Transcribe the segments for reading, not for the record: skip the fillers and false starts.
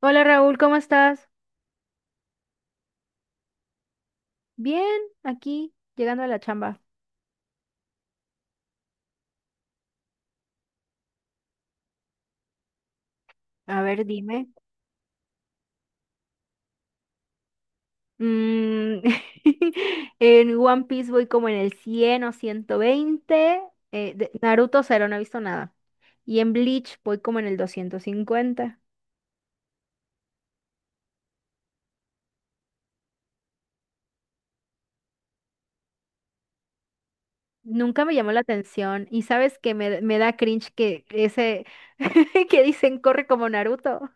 Hola Raúl, ¿cómo estás? Bien, aquí, llegando a la chamba. A ver, dime. Mm, en One Piece voy como en el 100 o 120. Naruto cero, no he visto nada. Y en Bleach voy como en el 250. Nunca me llamó la atención. Y sabes que me da cringe que ese que dicen corre como Naruto.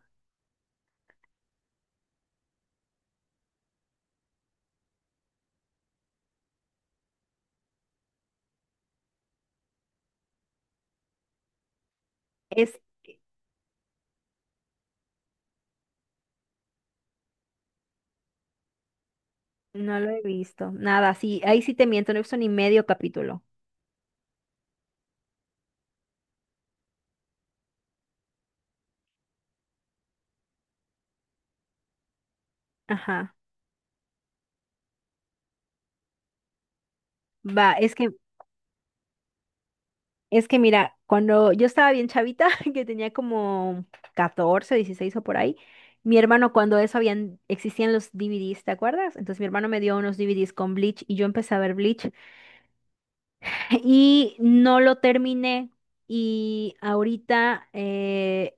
Es, no lo he visto. Nada, sí, ahí sí te miento, no he visto ni medio capítulo. Ajá. Va, es que Es que mira, cuando yo estaba bien chavita, que tenía como 14, 16 o por ahí, mi hermano cuando eso habían, existían los DVDs, ¿te acuerdas? Entonces mi hermano me dio unos DVDs con Bleach y yo empecé a ver Bleach y no lo terminé y ahorita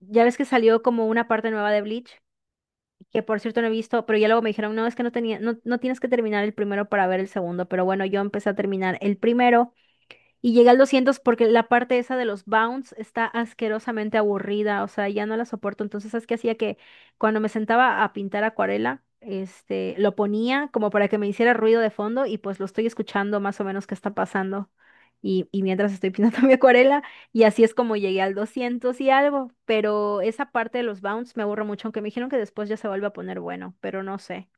ya ves que salió como una parte nueva de Bleach, que por cierto no he visto, pero ya luego me dijeron, no, es que no tenía, no, no tienes que terminar el primero para ver el segundo, pero bueno, yo empecé a terminar el primero y llegué al 200 porque la parte esa de los bounce está asquerosamente aburrida, o sea, ya no la soporto. Entonces, ¿sabes qué hacía? Que cuando me sentaba a pintar acuarela, lo ponía como para que me hiciera ruido de fondo y pues lo estoy escuchando más o menos qué está pasando. Y mientras estoy pintando mi acuarela, y así es como llegué al 200 y algo. Pero esa parte de los bounce me aburre mucho, aunque me dijeron que después ya se vuelve a poner bueno, pero no sé.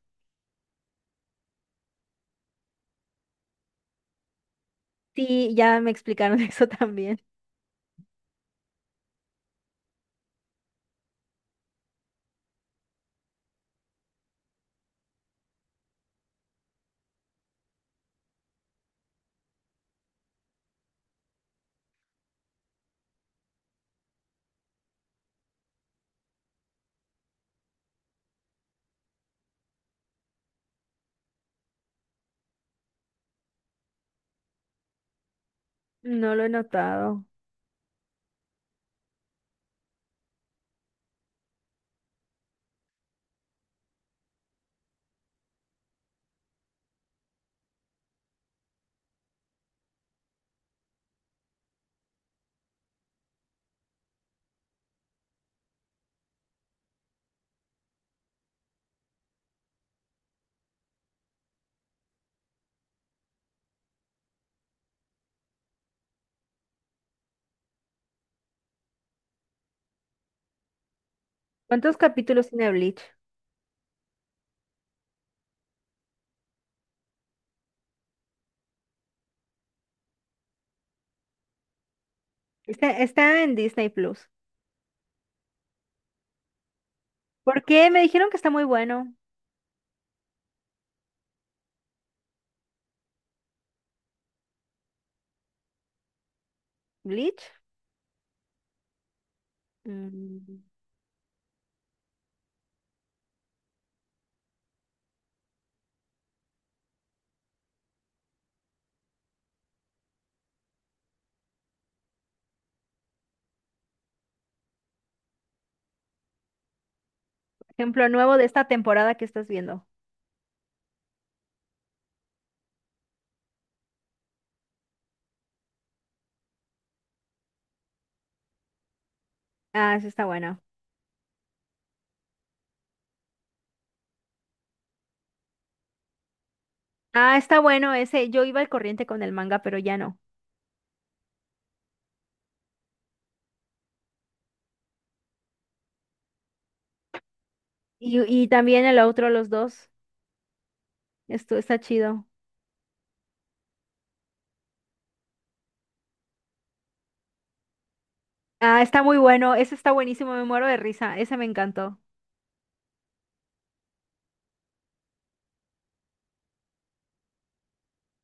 Sí, ya me explicaron eso también. No lo he notado. ¿Cuántos capítulos tiene Bleach? Está en Disney Plus. ¿Por qué? Me dijeron que está muy bueno. Bleach. Mm, Ejemplo nuevo de esta temporada que estás viendo. Ah, sí está bueno. Ah, está bueno ese. Yo iba al corriente con el manga, pero ya no. Y también el otro, los dos. Esto está chido. Ah, está muy bueno. Ese está buenísimo. Me muero de risa. Ese me encantó.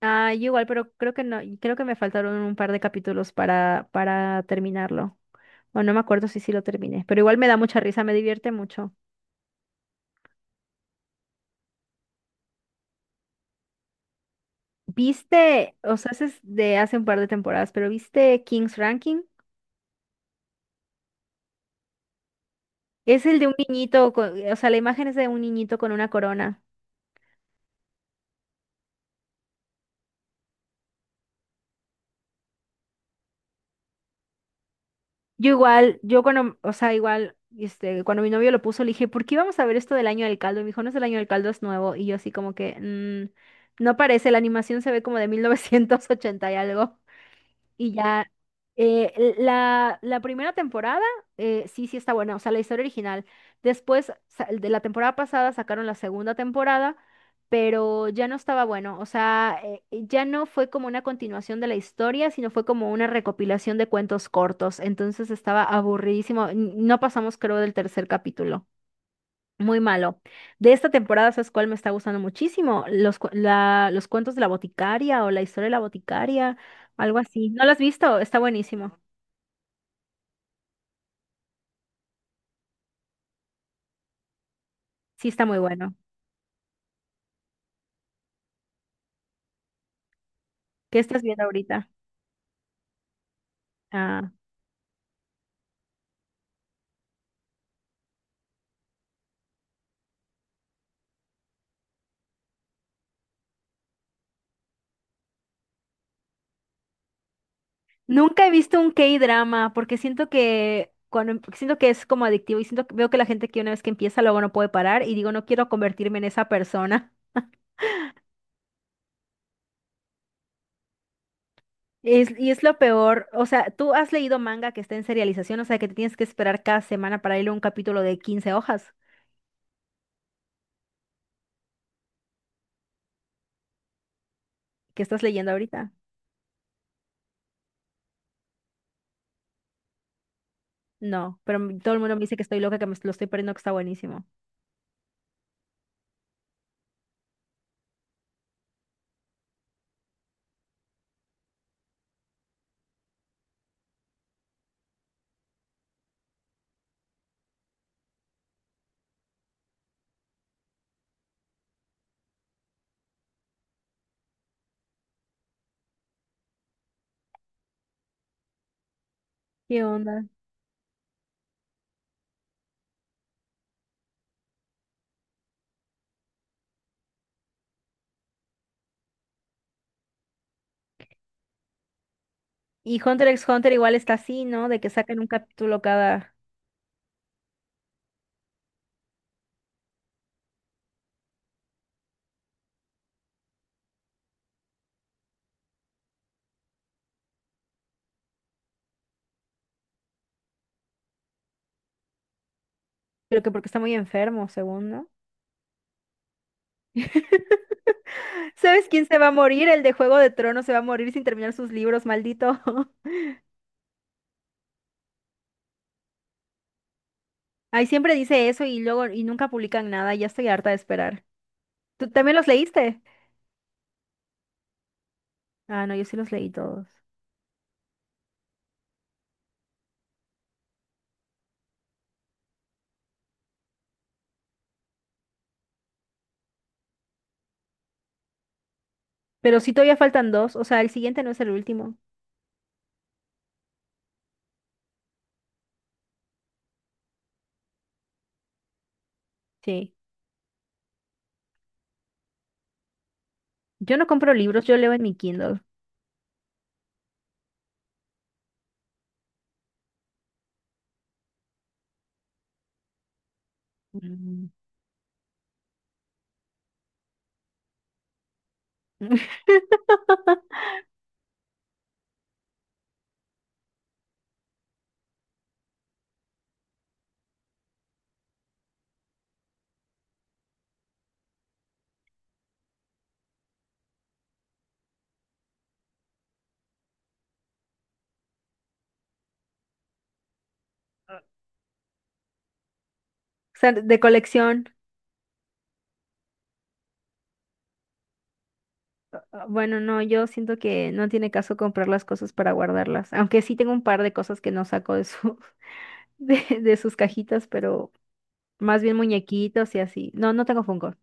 Ah, yo igual, pero creo que no. Y creo que me faltaron un par de capítulos para terminarlo. O no me acuerdo si sí lo terminé. Pero igual me da mucha risa. Me divierte mucho. ¿Viste? O sea, ese es de hace un par de temporadas, pero ¿viste King's Ranking? Es el de un niñito, o sea, la imagen es de un niñito con una corona. Yo igual, o sea, igual, cuando mi novio lo puso, le dije, ¿por qué vamos a ver esto del año del caldo? Y me dijo, no es el año del caldo, es nuevo. Y yo así como que, no parece, la animación se ve como de 1980 y algo. Y ya, la primera temporada, sí, sí está buena, o sea, la historia original. Después, de la temporada pasada sacaron la segunda temporada, pero ya no estaba bueno, o sea, ya no fue como una continuación de la historia, sino fue como una recopilación de cuentos cortos, entonces estaba aburridísimo, no pasamos creo del tercer capítulo. Muy malo. De esta temporada, ¿sabes cuál me está gustando muchísimo? Los cuentos de la boticaria o la historia de la boticaria, algo así. ¿No lo has visto? Está buenísimo. Sí, está muy bueno. ¿Qué estás viendo ahorita? Ah, nunca he visto un K-drama porque siento que cuando, siento que es como adictivo y siento que veo que la gente que una vez que empieza luego no puede parar y digo, no quiero convertirme en esa persona. Y es lo peor, o sea, tú has leído manga que está en serialización, o sea, que te tienes que esperar cada semana para leer un capítulo de 15 hojas. ¿Qué estás leyendo ahorita? No, pero todo el mundo me dice que estoy loca, que me lo estoy perdiendo, que está buenísimo. ¿Qué onda? Y Hunter x Hunter igual está así, ¿no? De que sacan un capítulo cada... Creo que porque está muy enfermo, según, ¿no? ¿Sabes quién se va a morir? El de Juego de Tronos se va a morir sin terminar sus libros, maldito. Ay, siempre dice eso y luego nunca publican nada, ya estoy harta de esperar. ¿Tú también los leíste? Ah, no, yo sí los leí todos. Pero sí todavía faltan dos, o sea, el siguiente no es el último. Sí. Yo no compro libros, yo leo en mi Kindle. Mm. O sea, de colección. Ah, bueno, no, yo siento que no tiene caso comprar las cosas para guardarlas. Aunque sí tengo un par de cosas que no saco de sus cajitas, pero más bien muñequitos y así. No, no tengo Funko.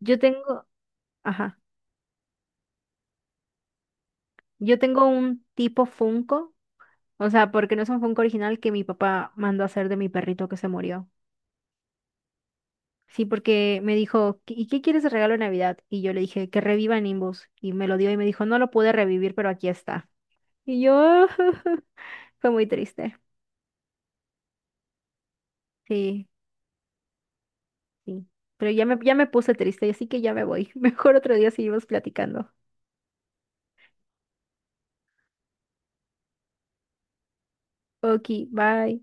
Yo tengo, ajá, yo tengo un tipo Funko, o sea, porque no es un Funko original que mi papá mandó a hacer de mi perrito que se murió. Sí, porque me dijo, "¿Y qué quieres de regalo de Navidad? Y yo le dije, que reviva Nimbus. Y me lo dio y me dijo, no lo pude revivir, pero aquí está. Y yo, fue muy triste. Sí, sí. Pero ya me puse triste, así que ya me voy. Mejor otro día seguimos platicando. Ok, bye.